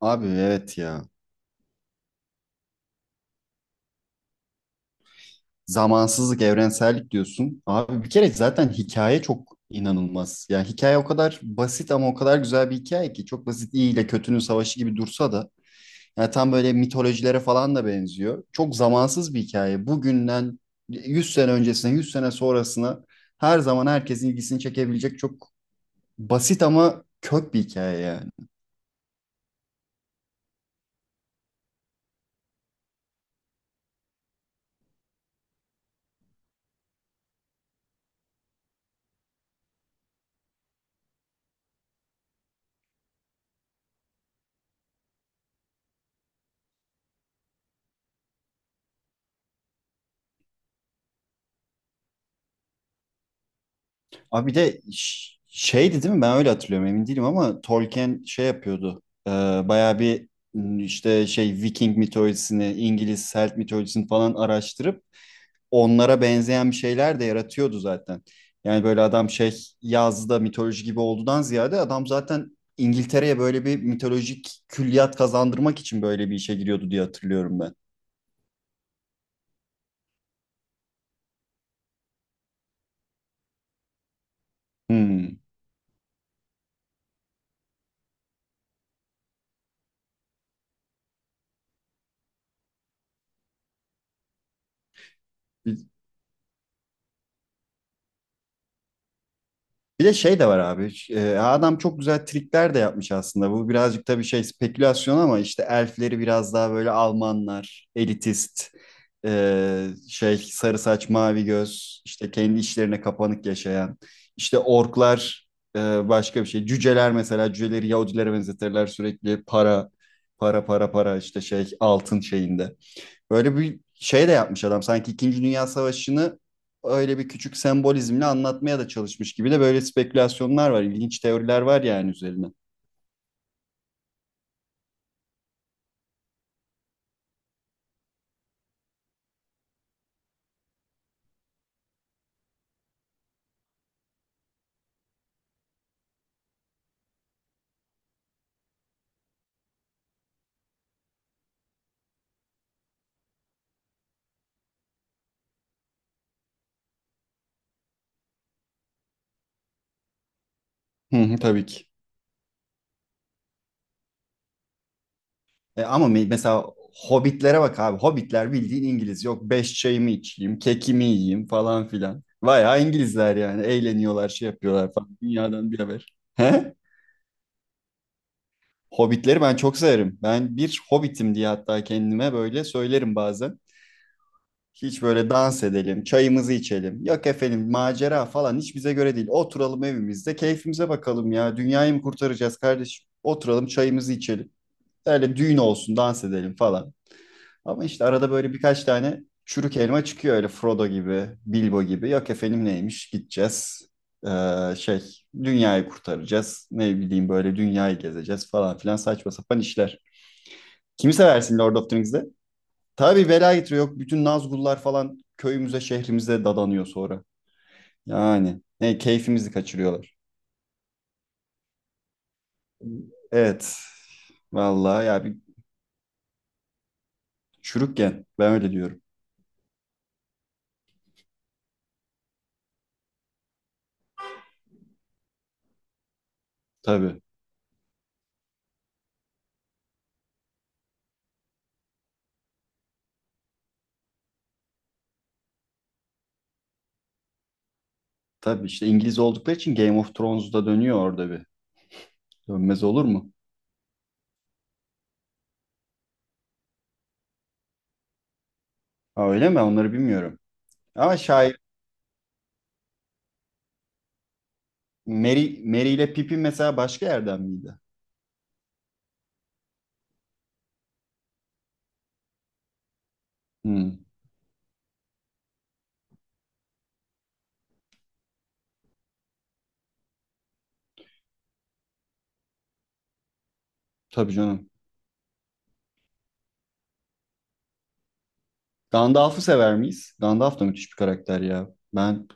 Abi evet ya. Zamansızlık, evrensellik diyorsun. Abi bir kere zaten hikaye çok inanılmaz. Ya hikaye o kadar basit ama o kadar güzel bir hikaye ki. Çok basit iyi ile kötünün savaşı gibi dursa da. Yani tam böyle mitolojilere falan da benziyor. Çok zamansız bir hikaye. Bugünden 100 sene öncesine, 100 sene sonrasına her zaman herkesin ilgisini çekebilecek çok basit ama kök bir hikaye ya. Abi bir de şeydi değil mi? Ben öyle hatırlıyorum emin değilim ama Tolkien şey yapıyordu. Bayağı bir işte şey Viking mitolojisini, İngiliz Celt mitolojisini falan araştırıp onlara benzeyen bir şeyler de yaratıyordu zaten. Yani böyle adam şey yazdı mitoloji gibi olduğundan ziyade adam zaten İngiltere'ye böyle bir mitolojik külliyat kazandırmak için böyle bir işe giriyordu diye hatırlıyorum ben. Hmm. Bir de şey de var abi. Adam çok güzel trikler de yapmış aslında. Bu birazcık tabii şey spekülasyon ama işte elfleri biraz daha böyle Almanlar, elitist, şey sarı saç mavi göz, işte kendi işlerine kapanık yaşayan. İşte orklar başka bir şey. Cüceler mesela cüceleri Yahudilere benzetirler sürekli para, para, para, para işte şey altın şeyinde. Böyle bir şey de yapmış adam. Sanki İkinci Dünya Savaşı'nı öyle bir küçük sembolizmle anlatmaya da çalışmış gibi de böyle spekülasyonlar var. İlginç teoriler var yani üzerine. Hı hı, tabii ki. Ama mesela Hobbitlere bak abi. Hobbitler bildiğin İngiliz. Yok beş çayımı içeyim, kekimi yiyeyim falan filan. Bayağı İngilizler yani. Eğleniyorlar, şey yapıyorlar falan. Dünyadan bir haber. He? Hobbitleri ben çok severim. Ben bir Hobbit'im diye hatta kendime böyle söylerim bazen. Hiç böyle dans edelim, çayımızı içelim. Yok efendim macera falan hiç bize göre değil. Oturalım evimizde, keyfimize bakalım ya. Dünyayı mı kurtaracağız kardeşim? Oturalım çayımızı içelim. Öyle düğün olsun, dans edelim falan. Ama işte arada böyle birkaç tane çürük elma çıkıyor öyle Frodo gibi, Bilbo gibi. Yok efendim neymiş gideceğiz. Şey dünyayı kurtaracağız. Ne bileyim böyle dünyayı gezeceğiz falan filan saçma sapan işler. Kimi seversin Lord of the Rings'de? Tabii bela getiriyor. Yok bütün Nazgullar falan köyümüze, şehrimize dadanıyor sonra. Yani ne keyfimizi kaçırıyorlar. Evet. Vallahi ya bir çürükken ben öyle diyorum. Tabii. Tabii işte İngiliz oldukları için Game of Thrones'da dönüyor orada bir. Dönmez olur mu? Ha, öyle mi? Onları bilmiyorum. Ama şair Mary ile Pippin mesela başka yerden miydi? Hmm, tabii canım. Gandalf'ı sever miyiz? Gandalf da müthiş bir karakter ya. Ben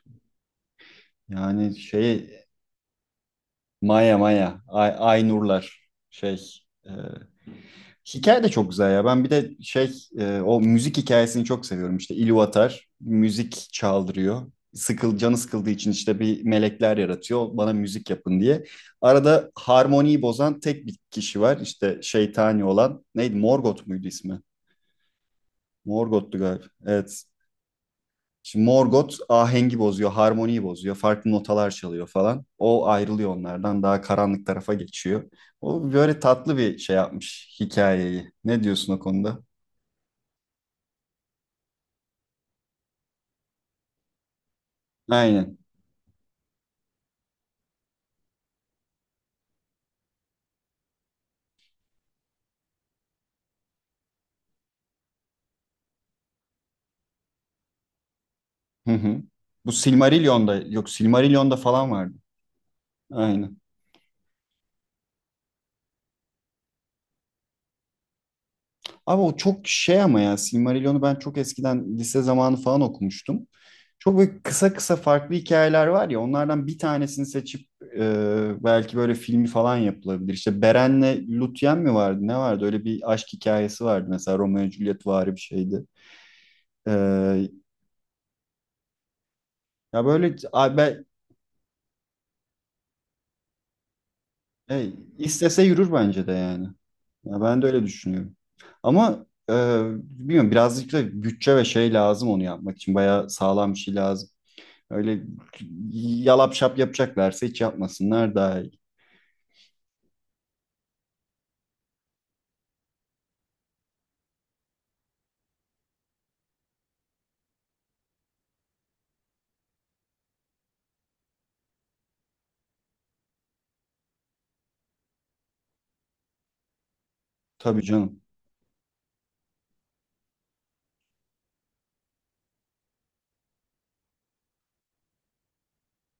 yani şeye Maya Maya. Ay, Aynurlar. Şey. e, hikaye de çok güzel ya. Ben bir de şey o müzik hikayesini çok seviyorum. İşte İlu müzik çaldırıyor. Canı sıkıldığı için işte bir melekler yaratıyor. Bana müzik yapın diye. Arada harmoniyi bozan tek bir kişi var. İşte şeytani olan. Neydi? Morgoth muydu ismi? Morgoth'tu galiba. Evet. Şimdi Morgoth ahengi bozuyor, harmoniyi bozuyor, farklı notalar çalıyor falan. O ayrılıyor onlardan, daha karanlık tarafa geçiyor. O böyle tatlı bir şey yapmış hikayeyi. Ne diyorsun o konuda? Aynen. Hı hı. Bu Silmarillion'da, yok Silmarillion'da falan vardı. Aynen. Abi o çok şey ama ya Silmarillion'u ben çok eskiden lise zamanı falan okumuştum. Çok böyle kısa kısa farklı hikayeler var ya onlardan bir tanesini seçip belki böyle filmi falan yapılabilir. İşte Beren'le Lúthien mi vardı ne vardı öyle bir aşk hikayesi vardı mesela Romeo Juliet vari bir şeydi. E, ya böyle abi ben, e, istese yürür bence de yani. Ya ben de öyle düşünüyorum. Ama bilmiyorum birazcık da bütçe ve şey lazım onu yapmak için bayağı sağlam bir şey lazım. Öyle yalap şap yapacaklarsa hiç yapmasınlar daha iyi. Tabii canım.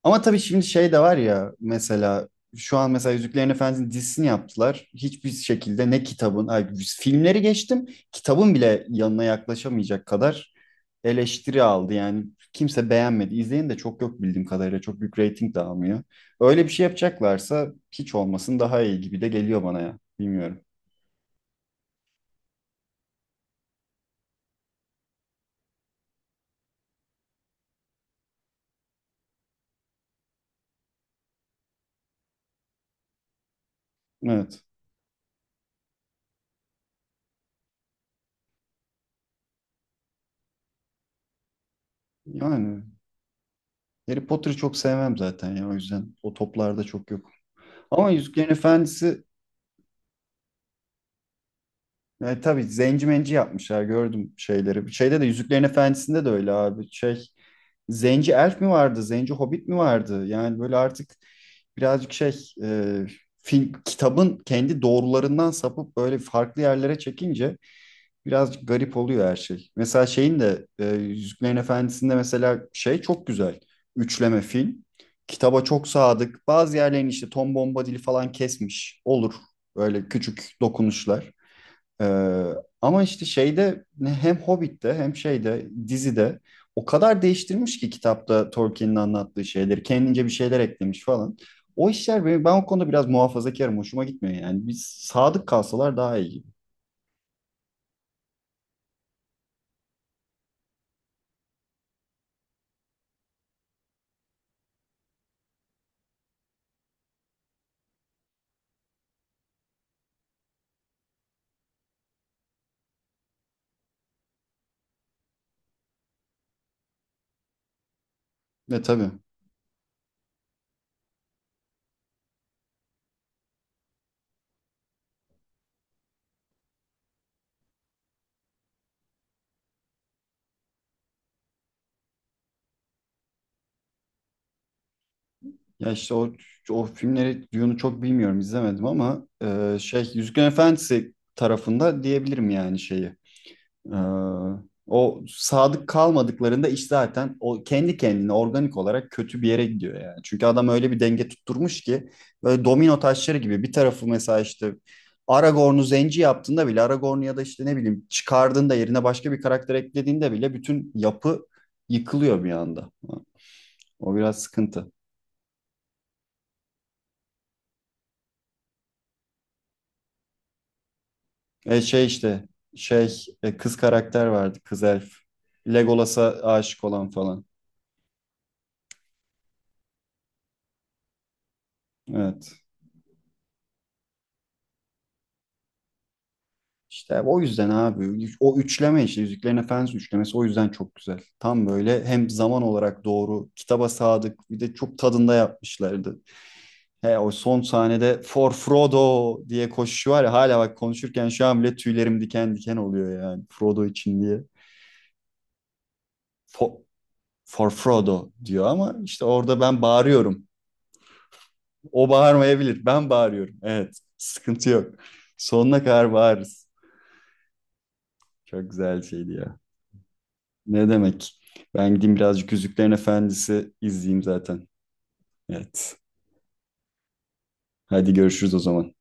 Ama tabii şimdi şey de var ya mesela şu an mesela Yüzüklerin Efendisi'nin dizisini yaptılar. Hiçbir şekilde ne kitabın, ay, filmleri geçtim. Kitabın bile yanına yaklaşamayacak kadar eleştiri aldı. Yani kimse beğenmedi. İzleyen de çok yok bildiğim kadarıyla. Çok büyük reyting de almıyor. Öyle bir şey yapacaklarsa hiç olmasın daha iyi gibi de geliyor bana ya. Bilmiyorum. Evet. Yani Harry Potter'ı çok sevmem zaten ya. O yüzden o toplarda çok yok. Ama Yüzüklerin Efendisi. Tabii zenci menci yapmışlar gördüm şeyleri. Şeyde de Yüzüklerin Efendisi'nde de öyle abi. Şey zenci elf mi vardı? Zenci hobbit mi vardı? Yani böyle artık birazcık şey e, film, kitabın kendi doğrularından sapıp böyle farklı yerlere çekince birazcık garip oluyor her şey. Mesela şeyin de Yüzüklerin Efendisi'nde mesela şey çok güzel. Üçleme film. Kitaba çok sadık. Bazı yerlerini işte Tom Bombadil'i falan kesmiş. Olur. Böyle küçük dokunuşlar. Ee, ama işte şeyde hem Hobbit'te hem şeyde dizide o kadar değiştirmiş ki kitapta Tolkien'in anlattığı şeyleri. Kendince bir şeyler eklemiş falan. O işler benim, ben o konuda biraz muhafazakarım. Hoşuma gitmiyor yani. Biz sadık kalsalar daha iyi gibi. Ve tabii. Ya işte o filmleri Dune'u çok bilmiyorum izlemedim ama şey Yüzüklerin Efendisi tarafında diyebilirim yani şeyi. Ee, o sadık kalmadıklarında iş zaten o kendi kendine organik olarak kötü bir yere gidiyor yani. Çünkü adam öyle bir denge tutturmuş ki böyle domino taşları gibi bir tarafı mesela işte Aragorn'u zenci yaptığında bile Aragorn'u ya da işte ne bileyim çıkardığında yerine başka bir karakter eklediğinde bile bütün yapı yıkılıyor bir anda. O biraz sıkıntı. Şey işte şey kız karakter vardı kız elf. Legolas'a aşık olan falan. Evet. İşte o yüzden abi o üçleme işte Yüzüklerin Efendisi üçlemesi o yüzden çok güzel. Tam böyle hem zaman olarak doğru, kitaba sadık bir de çok tadında yapmışlardı. He o son sahnede For Frodo diye koşuşu var ya hala bak konuşurken şu an bile tüylerim diken diken oluyor yani Frodo için diye. For, For Frodo diyor ama işte orada ben bağırıyorum. O bağırmayabilir. Ben bağırıyorum. Evet. Sıkıntı yok. Sonuna kadar bağırırız. Çok güzel şeydi ya. Ne demek? Ben gideyim birazcık Yüzüklerin Efendisi izleyeyim zaten. Evet. Hadi görüşürüz o zaman.